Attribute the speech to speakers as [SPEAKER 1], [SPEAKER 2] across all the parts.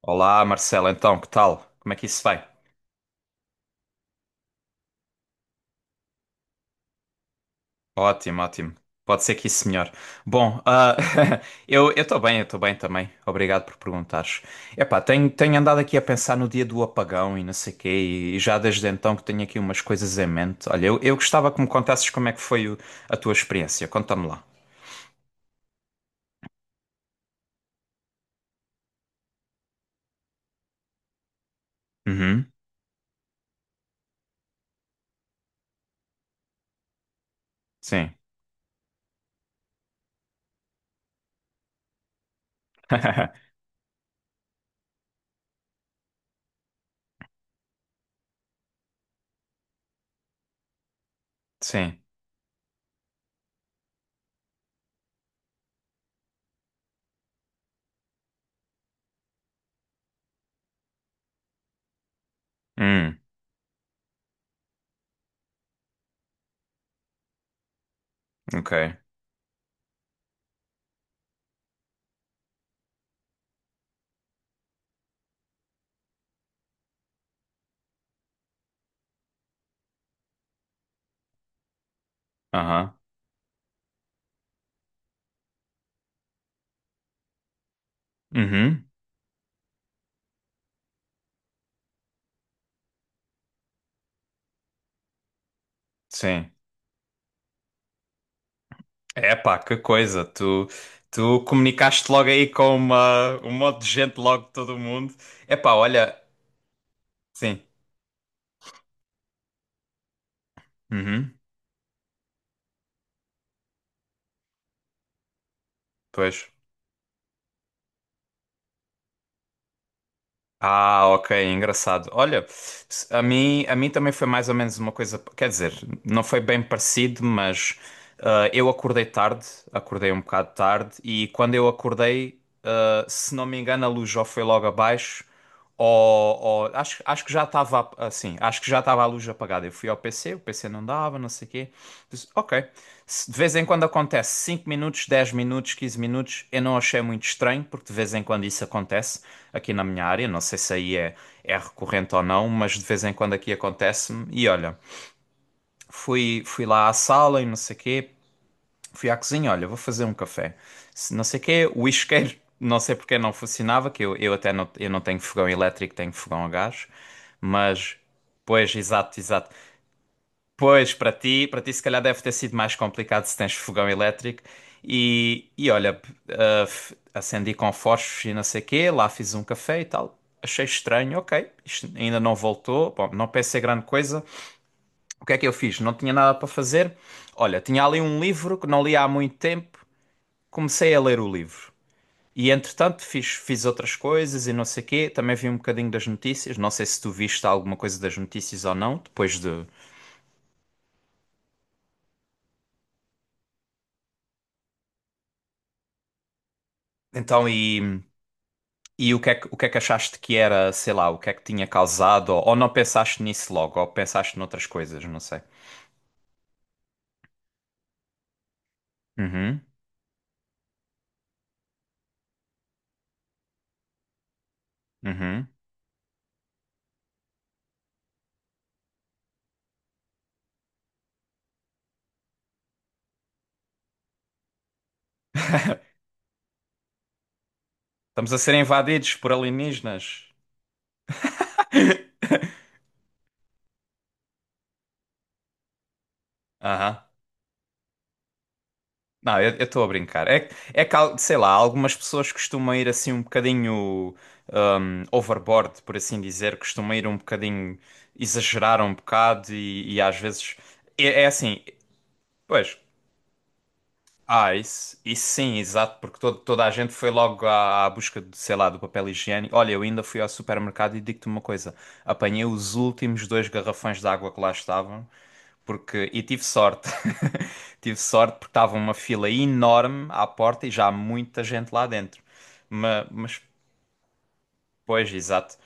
[SPEAKER 1] Olá, Marcelo, então, que tal? Como é que isso vai? Ótimo, ótimo. Pode ser que isso melhore. Bom, eu estou bem, eu estou bem também. Obrigado por perguntares. Epá, tenho andado aqui a pensar no dia do apagão e não sei quê, e já desde então que tenho aqui umas coisas em mente. Olha, eu gostava que me contasses como é que foi o- a tua experiência. Conta-me lá. Uhum, sim. Sim. Hum, ok. Aham. Uhum, sim. É pá, que coisa, tu comunicaste logo aí com um monte de gente, logo de todo mundo. É pá, olha, sim, uhum, pois. Ah, ok, engraçado. Olha, a mim também foi mais ou menos uma coisa, quer dizer, não foi bem parecido, mas eu acordei tarde, acordei um bocado tarde, e quando eu acordei, se não me engano, a luz já foi logo abaixo, acho, acho que já estava assim, acho que já estava a luz apagada. Eu fui ao PC, o PC não dava, não sei o quê. Disse, ok, se de vez em quando acontece 5 minutos, 10 minutos, 15 minutos, eu não achei muito estranho, porque de vez em quando isso acontece aqui na minha área. Não sei se aí é, é recorrente ou não, mas de vez em quando aqui acontece-me. E olha, fui lá à sala e não sei quê, fui à cozinha, olha, vou fazer um café. Se não sei quê, o isqueiro, não sei porque não funcionava, que eu até não, eu não tenho fogão elétrico, tenho fogão a gás, mas. Pois, exato, exato. Pois, para ti se calhar deve ter sido mais complicado se tens fogão elétrico. E olha, acendi com fósforos e não sei quê, lá fiz um café e tal. Achei estranho, ok, isto ainda não voltou. Bom, não pensei grande coisa. O que é que eu fiz? Não tinha nada para fazer. Olha, tinha ali um livro que não li há muito tempo. Comecei a ler o livro. E entretanto fiz outras coisas e não sei quê. Também vi um bocadinho das notícias. Não sei se tu viste alguma coisa das notícias ou não, depois de. Então, e. E o que é que, o que é que achaste que era, sei lá, o que é que tinha causado? Ou não pensaste nisso logo, ou pensaste noutras coisas, não sei. Uhum, uhum. Estamos a ser invadidos por alienígenas. Aham. Não, eu estou a brincar. Sei lá, algumas pessoas costumam ir assim um bocadinho overboard, por assim dizer, costumam ir um bocadinho, exagerar um bocado e às vezes. É, é assim, pois, ah, isso sim, exato, porque toda a gente foi logo à, à busca de, sei lá, do papel higiênico. Olha, eu ainda fui ao supermercado e digo-te uma coisa: apanhei os últimos dois garrafões de água que lá estavam, porque, e tive sorte. Tive sorte porque estava uma fila enorme à porta e já há muita gente lá dentro. Mas pois, exato.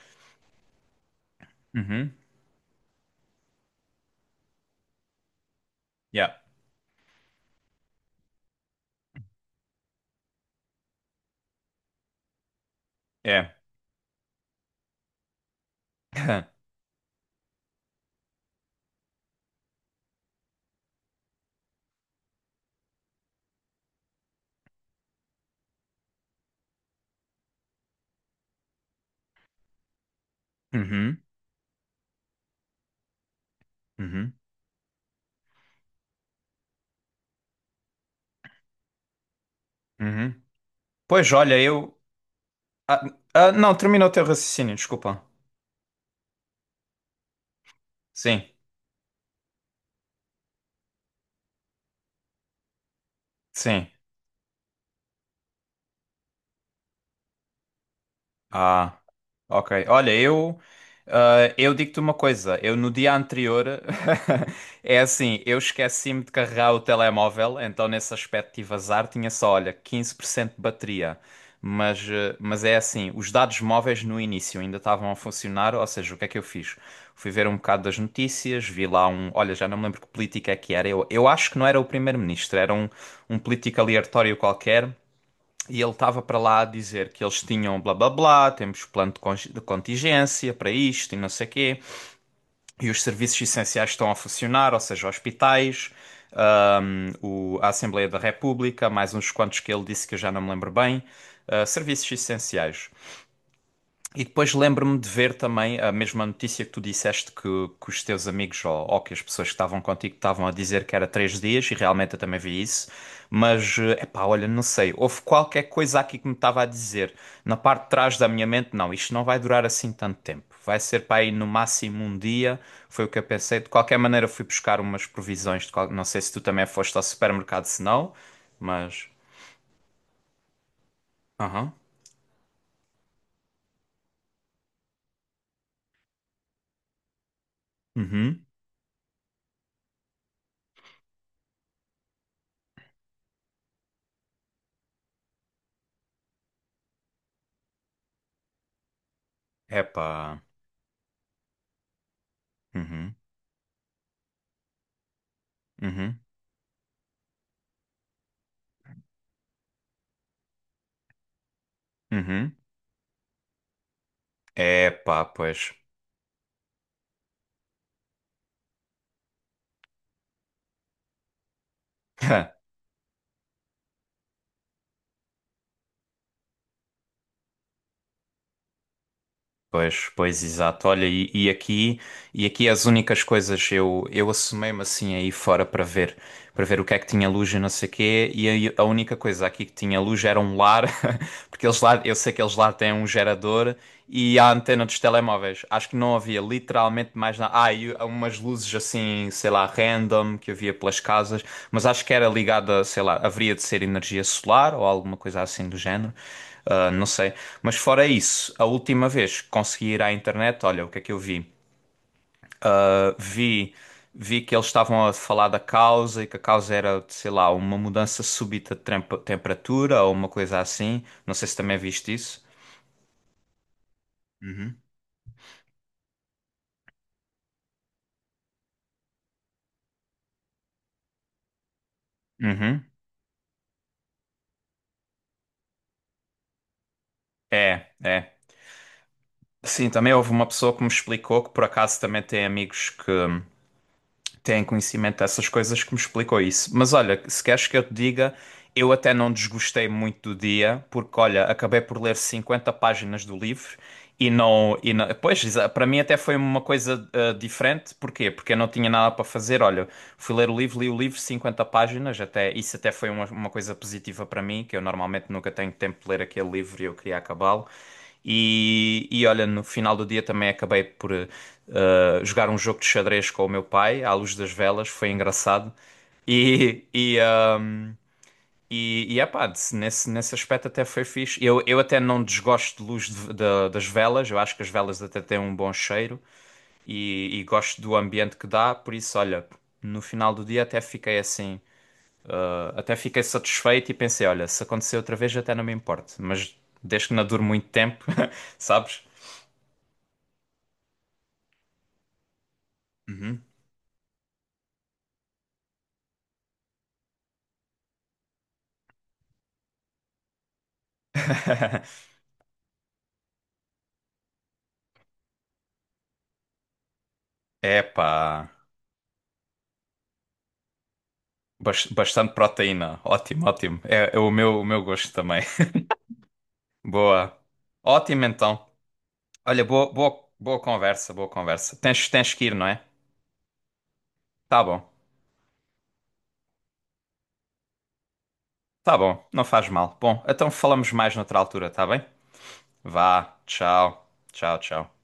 [SPEAKER 1] Uhum, yeah, é. Uhum, uhum, uhum. Pois, olha, eu. Ah, ah, não, termina o teu raciocínio, desculpa. Sim, sim. Ah, ok. Olha, eu, ah, eu digo-te uma coisa. Eu no dia anterior é assim, eu esqueci-me de carregar o telemóvel, então nesse aspecto tive azar, tinha só, olha, 15% de bateria. Mas, eh, mas é assim, os dados móveis no início ainda estavam a funcionar, ou seja, o que é que eu fiz? Fui ver um bocado das notícias, vi lá um. Olha, já não me lembro que político é que era. Eu acho que não era o primeiro-ministro, era um, um político aleatório qualquer. E ele estava para lá a dizer que eles tinham blá blá blá, temos plano de contingência para isto e não sei o quê, e os serviços essenciais estão a funcionar, ou seja, hospitais, a Assembleia da República, mais uns quantos que ele disse que eu já não me lembro bem, ah, serviços essenciais. E depois lembro-me de ver também a mesma notícia que tu disseste que os teus amigos ou que as pessoas que estavam contigo estavam a dizer que era 3 dias, e realmente eu também vi isso. Mas, eh, epá, olha, não sei, houve qualquer coisa aqui que me estava a dizer. Na parte de trás da minha mente, não, isto não vai durar assim tanto tempo. Vai ser para aí no máximo um dia, foi o que eu pensei. De qualquer maneira, fui buscar umas provisões. Não sei se tu também foste ao supermercado, se não, mas. Aham. Uhum. Epá. Uhum. Uhum. Uhum. É, pá, pois. Pois, pois, exato. Olha, e aqui as únicas coisas eu assomei-me assim aí fora para ver o que é que tinha luz e não sei quê, e aí a única coisa aqui que tinha luz era um lar, porque eles lá, eu sei que eles lá têm um gerador e a antena dos telemóveis. Acho que não havia literalmente mais nada. Ah, e umas luzes assim, sei lá, random que havia pelas casas, mas acho que era ligada, sei lá, haveria de ser energia solar ou alguma coisa assim do género. Ah, não sei. Mas fora isso, a última vez que consegui ir à internet, olha, o que é que eu vi? Ah, vi que eles estavam a falar da causa e que a causa era, sei lá, uma mudança súbita de temperatura ou uma coisa assim. Não sei se também viste isso. Uhum. É, é. Sim, também houve uma pessoa que me explicou, que por acaso também tem amigos que têm conhecimento dessas coisas, que me explicou isso. Mas olha, se queres que eu te diga, eu até não desgostei muito do dia, porque olha, acabei por ler 50 páginas do livro. E não, pois, para mim até foi uma coisa ah, diferente. Porquê? Porque eu não tinha nada para fazer. Olha, fui ler o livro, li o livro, 50 páginas. Até, isso até foi uma coisa positiva para mim, que eu normalmente nunca tenho tempo de ler aquele livro e eu queria acabá-lo. E olha, no final do dia também acabei por ah, jogar um jogo de xadrez com o meu pai, à luz das velas. Foi engraçado. E, e, ah, epá, se nesse aspecto até foi fixe. Eu até não desgosto de das velas, eu acho que as velas até têm um bom cheiro e gosto do ambiente que dá, por isso, olha, no final do dia até fiquei assim, até fiquei satisfeito e pensei, olha, se acontecer outra vez até não me importo, mas desde que não dure muito tempo, sabes? Uhum. É pá, bastante proteína, ótimo, ótimo, é o meu gosto também. Boa, ótimo então. Olha, boa, boa conversa, boa conversa. Tens que ir, não é? Tá bom, tá bom, não faz mal. Bom, então falamos mais noutra altura, tá bem? Vá, tchau, tchau.